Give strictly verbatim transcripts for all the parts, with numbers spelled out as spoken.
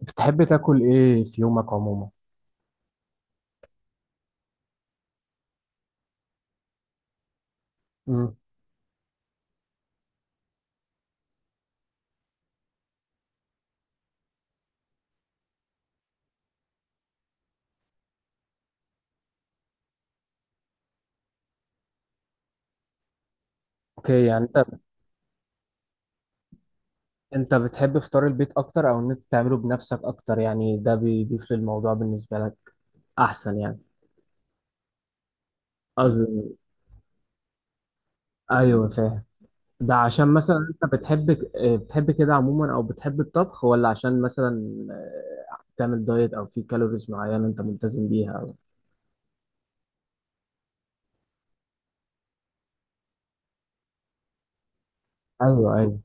بتحب تاكل ايه في يومك عموما؟ مم. اوكي يعني انت انت بتحب فطار البيت اكتر او ان انت تعمله بنفسك اكتر؟ يعني ده بيضيف للموضوع بالنسبه لك احسن يعني؟ قصدي، ايوه فاهم. ده عشان مثلا انت بتحب ك- آه، بتحب كده عموما او بتحب الطبخ، ولا عشان مثلا آه، تعمل دايت او في كالوريز معينه انت ملتزم بيها او؟ ايوه ايوه.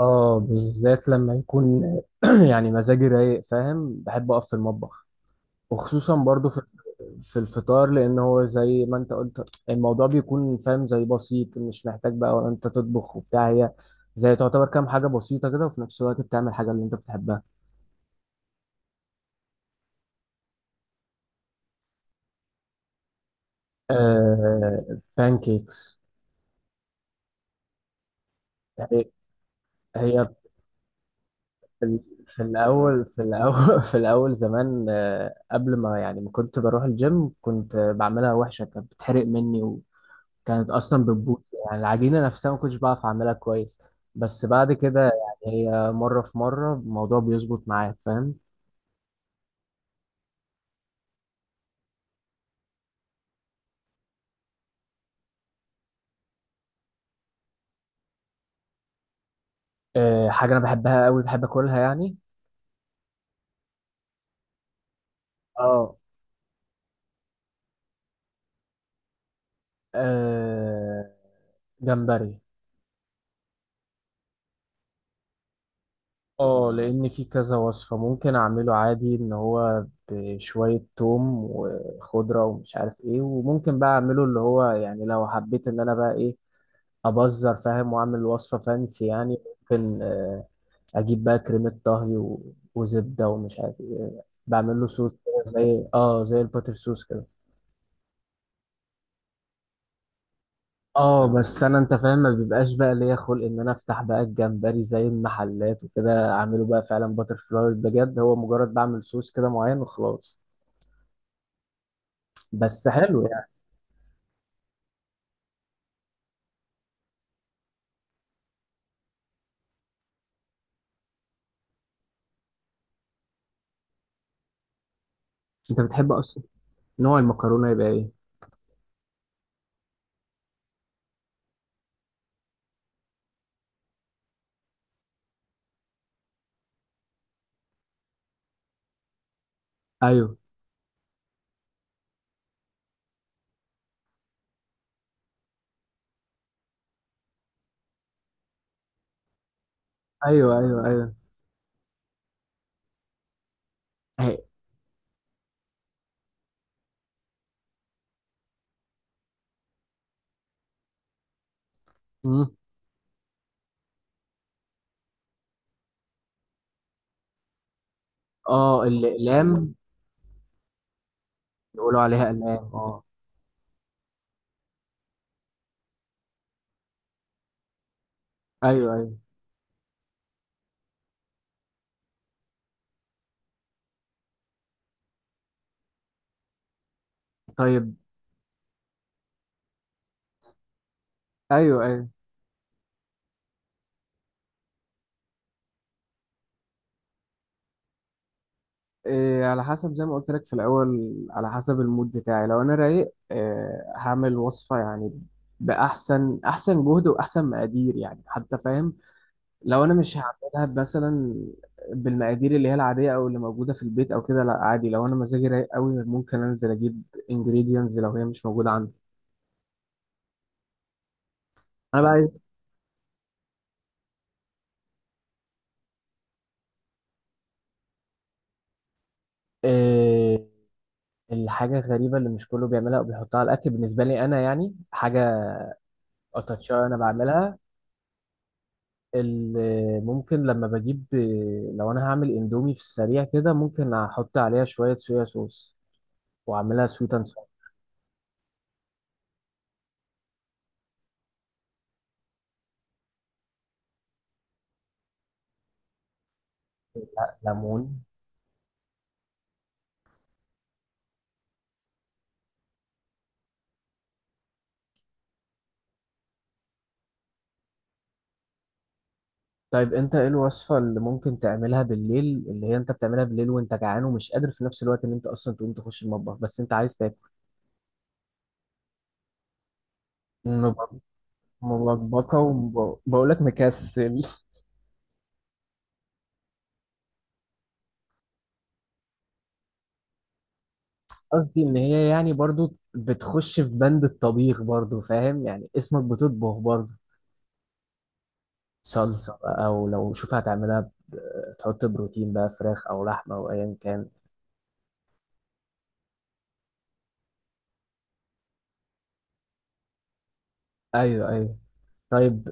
اه بالذات لما يكون يعني مزاجي رايق، فاهم؟ بحب اقف في المطبخ، وخصوصا برضو في في الفطار، لان هو زي ما انت قلت الموضوع بيكون فاهم زي بسيط، مش محتاج بقى ولا انت تطبخ وبتاع. هي زي تعتبر كام حاجة بسيطة كده، وفي نفس الوقت بتعمل حاجة اللي انت بتحبها. آه، بانكيكس. هي هي في في الأول في الأول في الأول زمان آه، قبل ما يعني ما كنت بروح الجيم كنت بعملها وحشة، كانت بتحرق مني، كانت اصلا بتبوظ. يعني العجينه نفسها ما كنتش بعرف اعملها كويس. بس بعد كده يعني هي مره في مره الموضوع بيظبط معاك، فاهم؟ أه، حاجه انا بحبها قوي بحب اكلها يعني اه، آه، جمبري. اه، لان في كذا وصفه، ممكن اعمله عادي ان هو بشويه توم وخضره ومش عارف ايه، وممكن بقى اعمله اللي هو يعني لو حبيت ان انا بقى ايه، ابزر فاهم، واعمل وصفه فانسي يعني. ممكن آه، اجيب بقى كريمه طهي و... وزبده ومش عارف ايه، بعمل له صوص كده زي اه زي الباتر صوص كده. اه بس انا، انت فاهم، ما بيبقاش بقى ليا خلق ان انا افتح بقى الجمبري زي المحلات وكده اعمله بقى فعلا باتر فلاي بجد. هو مجرد بعمل صوص كده معين وخلاص. بس حلو يعني. انت بتحب اصلا نوع المكرونه يبقى ايه؟ ايوه ايوه ايوه. ايوه. أهي. مم. اه، الاقلام. يقولوا عليها اقلام. اه. ايوه ايوه. طيب. ايوه ايوه. إيه، على حسب زي ما قلت لك في الأول، على حسب المود بتاعي. لو أنا رايق، إيه، هعمل وصفة يعني بأحسن أحسن جهد وأحسن مقادير يعني حتى، فاهم؟ لو أنا مش هعملها مثلا بالمقادير اللي هي العادية أو اللي موجودة في البيت أو كده، لا عادي. لو أنا مزاجي رايق قوي ممكن أنزل أجيب ingredients لو هي مش موجودة عندي. أنا بقى عايز إيه الحاجة الغريبة اللي مش كله بيعملها أو بيحطها على الأكل؟ بالنسبة لي أنا يعني حاجة أتاتشاي أنا بعملها. ال- ممكن لما بجيب، لو انا هعمل اندومي في السريع كده، ممكن احط عليها شوية صويا صوص واعملها سويت اند ساور. ليمون. طيب انت ايه الوصفة اللي ممكن تعملها بالليل، اللي هي انت بتعملها بالليل وانت جعان ومش قادر في نفس الوقت ان انت اصلا تقوم تخش المطبخ، بس انت عايز تاكل؟ مب- ملخبطة، وبقول لك مكسل. قصدي ان هي يعني برضو بتخش في بند الطبيخ برضو، فاهم؟ يعني اسمك بتطبخ برضو. صلصة بقى، أو لو شوف هتعملها، ب- تحط بروتين بقى، فراخ أو لحمة أو أيا كان. أيوه أيوه. طيب.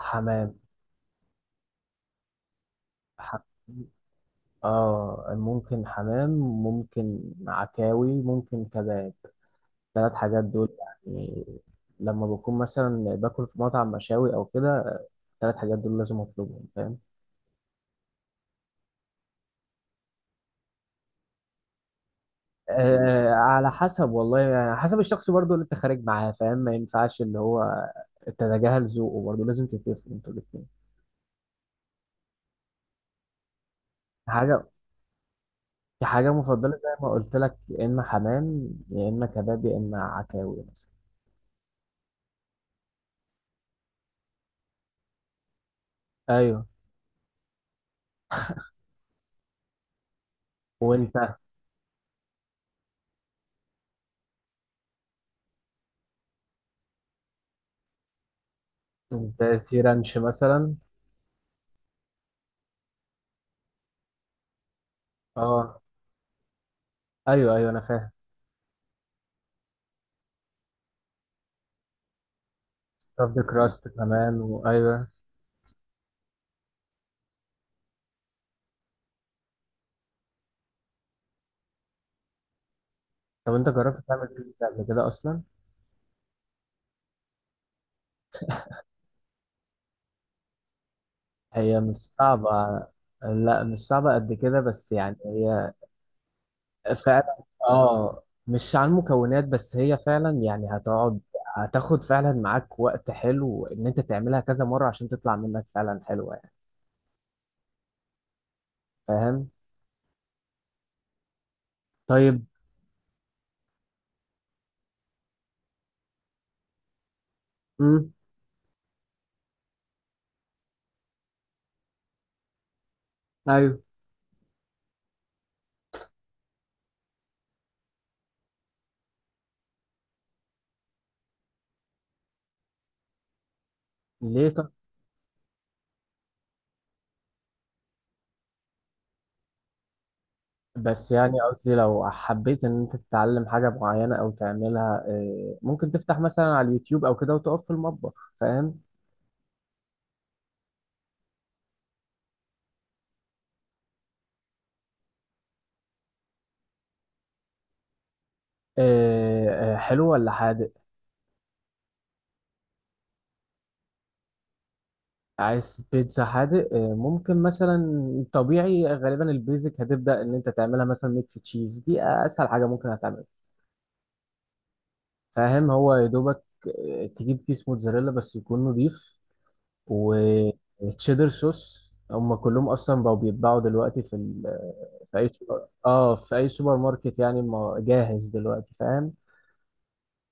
حمام. ح... آه، ممكن حمام، ممكن عكاوي، ممكن كباب. الثلاث حاجات دول يعني لما بكون مثلا باكل في مطعم مشاوي أو كده الثلاث حاجات دول لازم أطلبهم، فاهم؟ آه، على حسب والله، يعني على حسب الشخص برضو اللي أنت خارج معاه، فاهم؟ ما ينفعش اللي هو تتجاهل ذوقه برضه، لازم تتفقوا انتوا الاتنين. حاجة كحاجة مفضلة زي ما قلت لك، يا إما حمام يا إما كباب يا إما عكاوي مثلا. أيوه. وأنت؟ زي سي رانش مثلا. أه. أيوه أيوه، أنا فاهم. رفض كراست كمان، وأيوه. طب أنت جربت تعمل كيكة قبل كده أصلا؟ هي مش صعبة. لا، مش صعبة قد كده، بس يعني هي فعلا أه، مش عن المكونات بس، هي فعلا يعني هتقعد، هتاخد فعلا معاك وقت حلو إن أنت تعملها كذا مرة عشان تطلع منك فعلا حلوة يعني. فاهم؟ طيب. امم. ايوه. ليه طب؟ بس يعني قصدي، لو حبيت ان انت تتعلم حاجه معينه او تعملها آه، ممكن تفتح مثلا على اليوتيوب او كده وتقف في المطبخ، فاهم؟ آه، آه، حلو ولا حادق؟ عايز بيتزا حادق آه، ممكن مثلا. طبيعي غالبا البيزك هتبدا ان انت تعملها مثلا ميكس تشيز، دي اسهل حاجه ممكن هتعملها، فاهم؟ هو يا دوبك آه، تجيب كيس موتزاريلا بس يكون نضيف، وتشيدر صوص. هم كلهم اصلا بقوا بيتباعوا دلوقتي في ال... في اي سوبر اه في اي سوبر ماركت يعني، ما- جاهز دلوقتي، فاهم؟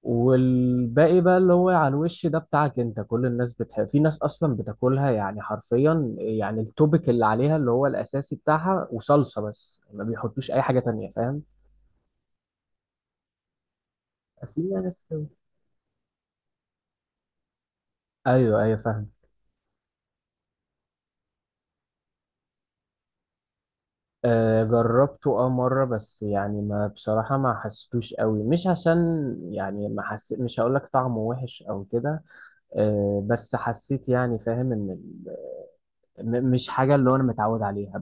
والباقي بقى اللي هو على الوش ده بتاعك انت. كل الناس بتحب. في ناس اصلا بتاكلها يعني حرفيا يعني التوبيك اللي عليها اللي هو الاساسي بتاعها وصلصة بس، ما بيحطوش اي حاجة تانية، فاهم؟ في ناس كده. ايوه ايوه فاهم. آه، جربته اه مرة، بس يعني ما بصراحة ما حسيتوش قوي. مش عشان يعني، ما حسيت، مش هقول لك طعمه وحش او كده، آه، بس حسيت يعني فاهم ان ال- م- مش حاجة اللي هو انا متعود عليها بس